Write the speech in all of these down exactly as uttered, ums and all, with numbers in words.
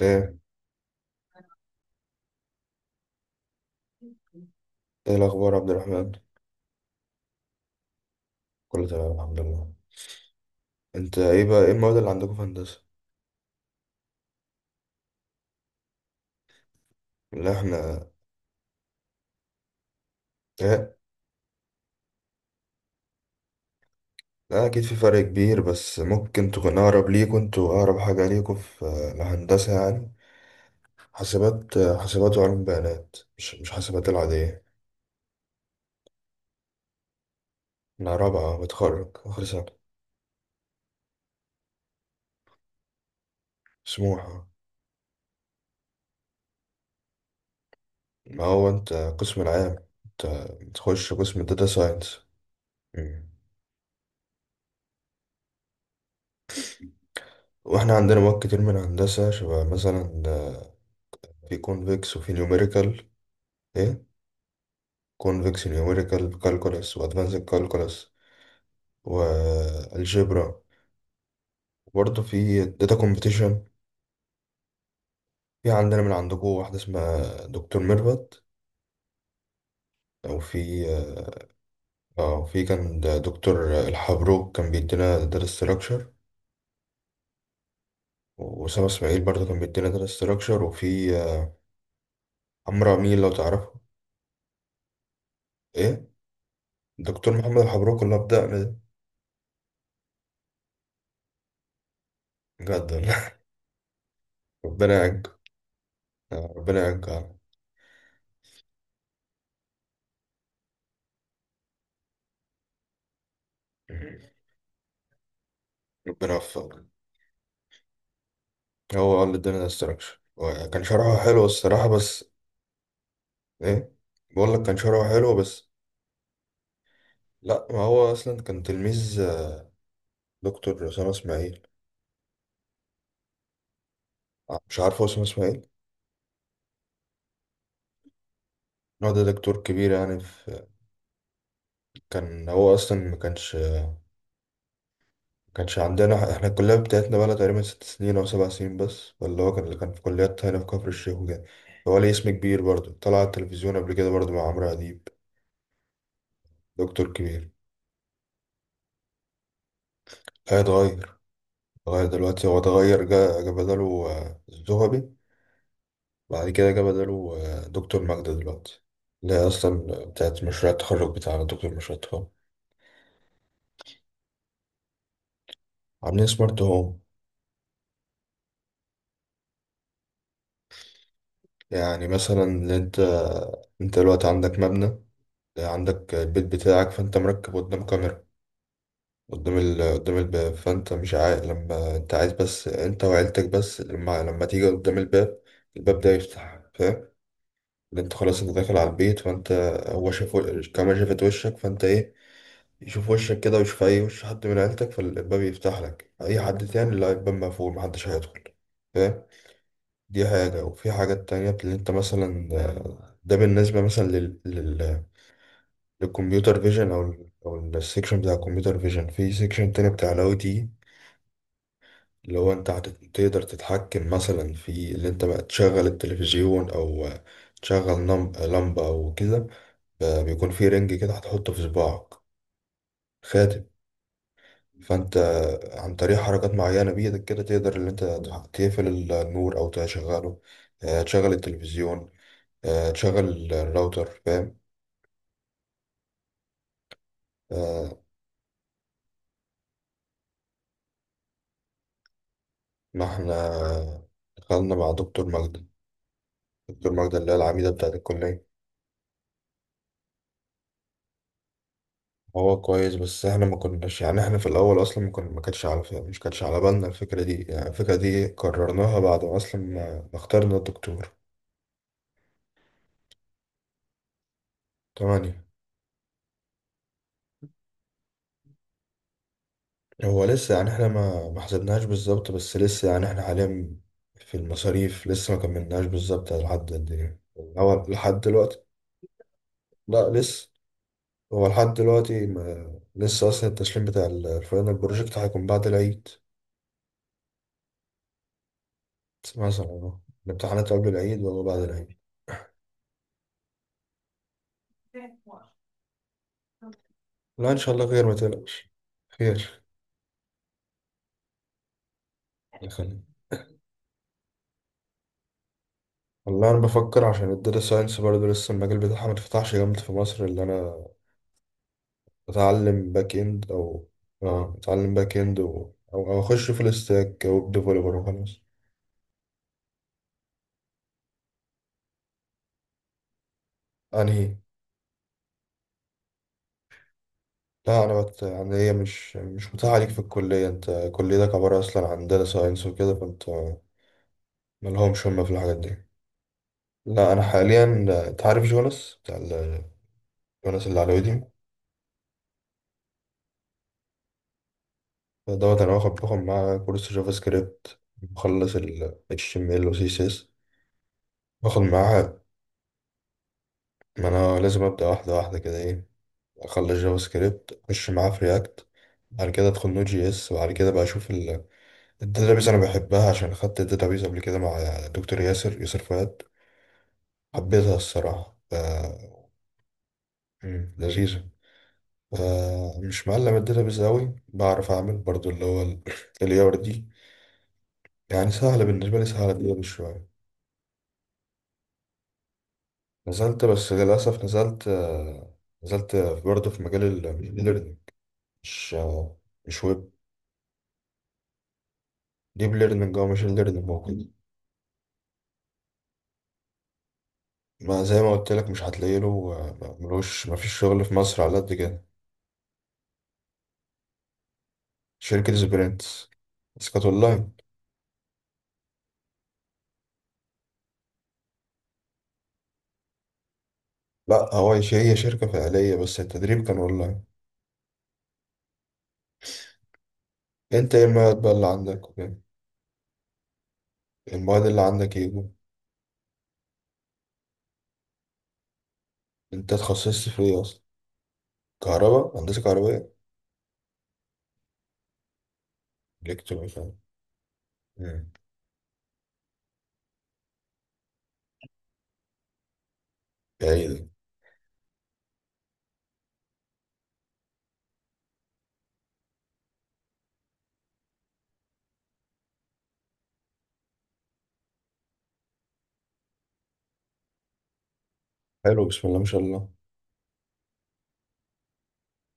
ايه ايه الاخبار يا عبد الرحمن. كله تمام الحمد لله. انت ايه بقى، ايه المواد اللي عندكم في هندسه؟ لا احنا. ايه. لا اكيد في فرق كبير، بس ممكن تكون اقرب ليكوا، انتوا اقرب حاجه ليكوا في الهندسه يعني، حاسبات. حاسبات وعلوم بيانات، مش مش حاسبات العاديه. انا رابعه بتخرج اخر سنه. سموحه. ما هو انت قسم العام، انت تخش قسم الداتا ساينس. مم. واحنا عندنا مواد كتير من هندسه، شبه مثلا في كونفكس وفي نيوميريكال. ايه؟ convection numerical calculus وادفانسد calculus، والجبرا، وبرضه في data computation. في عندنا من عندكم واحدة اسمها دكتور ميرفت، أو في، اه في كان د- دكتور الحبروك كان بيدينا data structure، وأسامة إسماعيل برضه كان بيدينا data structure، وفي آه، عمرو أمين لو تعرفه. إيه. دكتور محمد الحبروك اللي بدأنا ده. جدا. ربنا يعجل. آه، ربنا يعجل. ربنا يوفقك. هو اللي اداني الاستراكشر، كان شرحه حلو الصراحة بس. ايه. بقول لك كان شرحه حلو بس. لا ما هو اصلا كان تلميذ دكتور اسامة اسماعيل. آه، مش عارفه اسامة اسماعيل؟ هو ده دكتور كبير يعني في، كان هو اصلا ما كانش ما كانش عندنا احنا. الكلية بتاعتنا بقى لها تقريبا ست سنين او سبع سنين بس، ولا هو كان اللي كان في كليات هنا في كفر الشيخ وكده. هو ليه اسم كبير برضه، طلع على التلفزيون قبل كده برضه مع عمرو اديب. دكتور كبير. هيتغير. غير دلوقتي، هو اتغير. جا جا بداله آه، الذهبي، بعد كده جه بداله آه، دكتور ماجدة دلوقتي، اللي هي أصلا بتاعت مشروع التخرج بتاعنا، دكتور مشروع التخرج. عاملين سمارت هوم. يعني مثلا اللي أنت، أنت دلوقتي عندك مبنى، عندك البيت بتاعك، فأنت مركب قدام كاميرا، قدام ال... قدام الباب، فأنت مش عايز لما أنت عايز بس أنت وعيلتك بس، لما لما تيجي قدام الباب، الباب ده يفتح، فاهم؟ اللي أنت خلاص أنت داخل على البيت، فأنت، هو شاف و- الكاميرا شافت وشك، فأنت إيه، يشوف وشك كده، ويشوف أي وش حد من عيلتك فالباب يفتح لك، أي حد تاني لا، الباب مقفول، محدش هيدخل، فاهم. دي حاجة، وفي حاجات تانية اللي أنت مثلا آه، ده بالنسبة مثلا لل... لل... للكمبيوتر فيجن، أو ال- أو السيكشن بتاع الكمبيوتر فيجن، في سيكشن تاني بتاع الأي تي، اللي هو أنت هت- تقدر تتحكم مثلا في اللي أنت بقى تشغل التلفزيون، أو آه، تشغل نم- لمبة أو كده. ب- بيكون في رنج كده هتحطه في صباعك، خاتم. فانت عن طريق حركات معينة بإيدك كده، تقدر اللي انت تح- تقفل النور او تشغله، آه، تشغل التلفزيون، آه، تشغل الراوتر، فاهم. آه، ما احنا دخلنا مع دكتور مجدي، دكتور مجدي اللي هي العميدة بتاعت الكلية. هو كويس، بس احنا ما كناش يعني احنا في الاول اصلا ما كنا، ما كانتش على مش كانتش على بالنا الفكرة دي، يعني الفكرة دي قررناها بعد ما اصلا ما ما اخترنا الدكتور. تمام. هو لسه يعني احنا ما ما حسبناهاش بالظبط، بس لسه يعني احنا حاليا في المصاريف لسه ما كملناش بالظبط لحد قد ايه. هو لحد دلوقتي، لا لسه، هو لحد دلوقتي ما لسه اصلا، التسليم بتاع ال- الفاينل بروجكت هيكون بعد العيد. مثلا اهو. الامتحانات قبل العيد ولا بعد العيد؟ لا ان شاء الله خير، ما تقلقش. خير. لكن، والله انا بفكر، عشان الداتا ساينس برضه لسه المجال بتاعها ما اتفتحش جامد في مصر، اللي انا اتعلم باك اند او، اه اتعلم باك اند و... او او اخش في الاستاك او ديفلوبر وخلاص. انهي؟ لا انا بت... يعني هي مش مش متاحه عليك في الكليه، انت كليتك عباره اصلا عن داتا ساينس وكده، فانت ملهمش هم في الحاجات دي. لا انا حاليا، انت عارف جوناس بتاع ال- جوناس اللي على ويديو دوت، انا واخد باخد معاه كورس جافا سكريبت، مخلص ال اتش تي ام ال و سي اس اس، باخد معاه. ما انا لازم ابدا واحده واحده كده، ايه، اخلص جافا سكريبت اخش معاه في رياكت، بعد كده ادخل نود جي اس، بعد كده بقى اشوف ال- الداتابيز، انا بحبها عشان خدت الداتابيز قبل كده مع دكتور ياسر ياسر فؤاد. حبيتها الصراحه، ف... مم، لذيذه. ف... مش معلم الداتابيز قوي، بعرف اعمل برضو اللي هو الاي ار دي. يعني سهله بالنسبه لي، سهله دي شويه. نزلت، بس للاسف نزلت آه، نزلت برضه في مجال الماشين ليرنينج، مش آه، مش ويب. ديب ليرنينج او ماشين ليرنينج. ما زي ما قلت لك مش هتلاقي له آه، ملوش، مفيش شغل في مصر على قد كده. شركة سبرنت، بس كانت اونلاين. لا هو هي، هي شركة فعلية، بس التدريب كان اونلاين. انت ايه المواد بقى اللي عندك وكده؟ المواد اللي عندك ايه بقى؟ انت اتخصصت في ايه اصلا؟ كهرباء، هندسة كهربائية. الكترونيكا. مم. ايه ده. حلو، بسم الله ما شاء الله.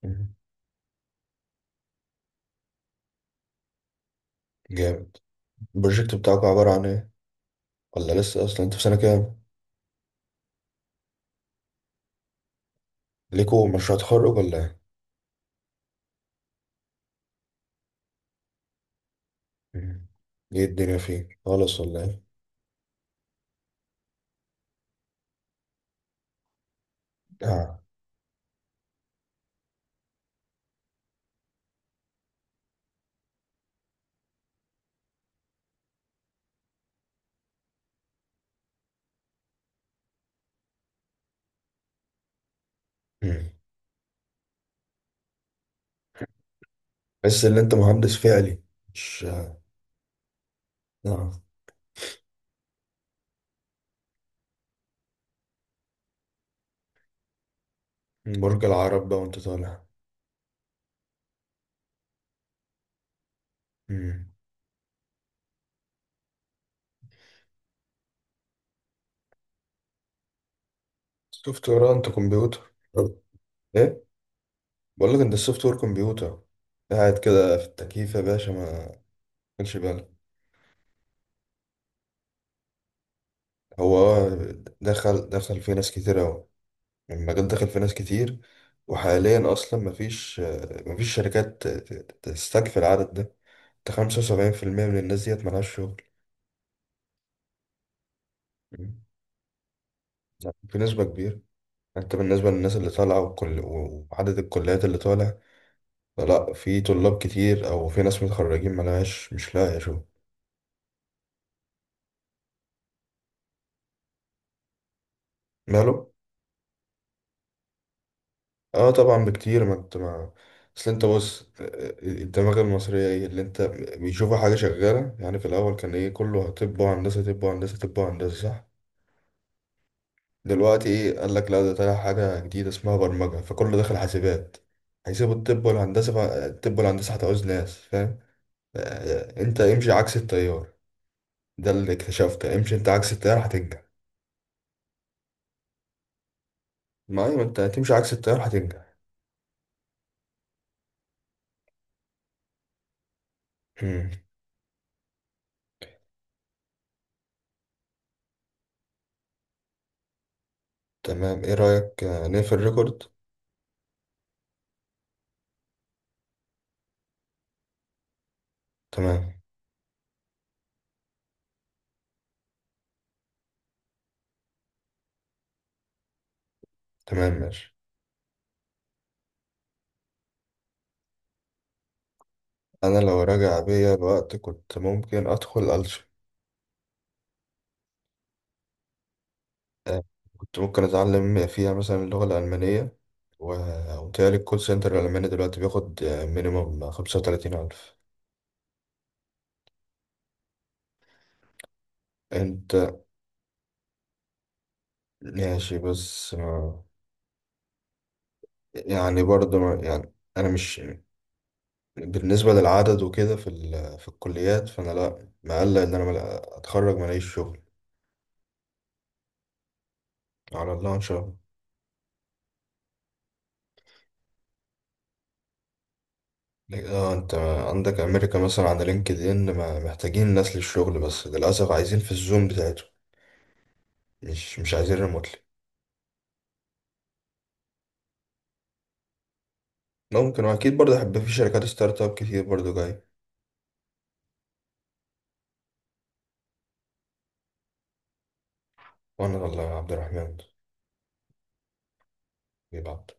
مم. جامد. البروجكت بتاعك عبارة عن ايه، ولا لسه اصلا انت في سنة كام؟ ليكوا مشروع تخرج ولا ايه؟ مم. ايه الدنيا فيه خالص ولا؟ ايه. مم. تحس ان انت مهندس فعلي. مش. آه. برج العرب بقى وانت طالع. مم. سوفت وير آه، انت كمبيوتر، أه. ايه. بقول لك انت السوفت وير كمبيوتر، قاعد كده في التكييف يا باشا، ما تاخدش بالك. هو آه دخل دخل فيه ناس كتير قوي، المجال دخل فيه ناس كتير، وحاليا اصلا مفيش آه، مفيش شركات ت- ت- تستكفي العدد ده، انت خمسة وسبعين في المية من الناس ديت ملهاش شغل. مم. لا، في نسبة كبيرة، انت بالنسبة للناس اللي طالعة وكل... وعدد الكليات اللي طالع، لا في طلاب كتير، او في ناس متخرجين ملهاش مش لاقية شغل. ماله. اه طبعا بكتير، ما انت ما، اصل انت بص، الدماغ المصرية، ايه اللي انت، بيشوفوا حاجة شغالة يعني. في الاول كان ايه، كله طب وهندسة، طب وهندسة، طب وهندسة، صح؟ دلوقتي ايه، قال لك لا ده طالع حاجة جديدة اسمها برمجة، فكله داخل حاسبات، هيسيبوا الطب والهندسة، فالطب والهندسة هتعوز ناس، فاهم. آه، انت امشي عكس التيار، ده اللي اكتشفته، امشي انت عكس التيار هتنجح. ما ايوه، انت هتمشي عكس التيار هتنجح. مم. تمام، ايه رأيك آه، نقفل الريكورد. تمام. تمام ماشي. انا لو راجع بيا الوقت كنت ممكن ادخل ألسن. آه، كنت ممكن اتعلم فيها مثلا اللغة الألمانية، و... وتهيألي الكول سنتر الألماني دلوقتي بياخد آه، مينيموم خمسة وتلاتين ألف. انت ماشي بس آه، يعني برضه ما- يعني انا مش، بالنسبة للعدد وكده في ال... في الكليات، فأنا لأ مقلق إن أنا ملا- أتخرج ملاقيش شغل. على الله إن شاء الله. اه انت عندك امريكا مثلا على لينكد ان ما- محتاجين ناس للشغل، بس للاسف عايزين في الزوم بتاعته، مش مش عايزين ريموتلي. ممكن، واكيد برضه هيبقى في شركات ستارت اب كتير برضه جاي. وانا والله يا عبد الرحمن، بيبعت.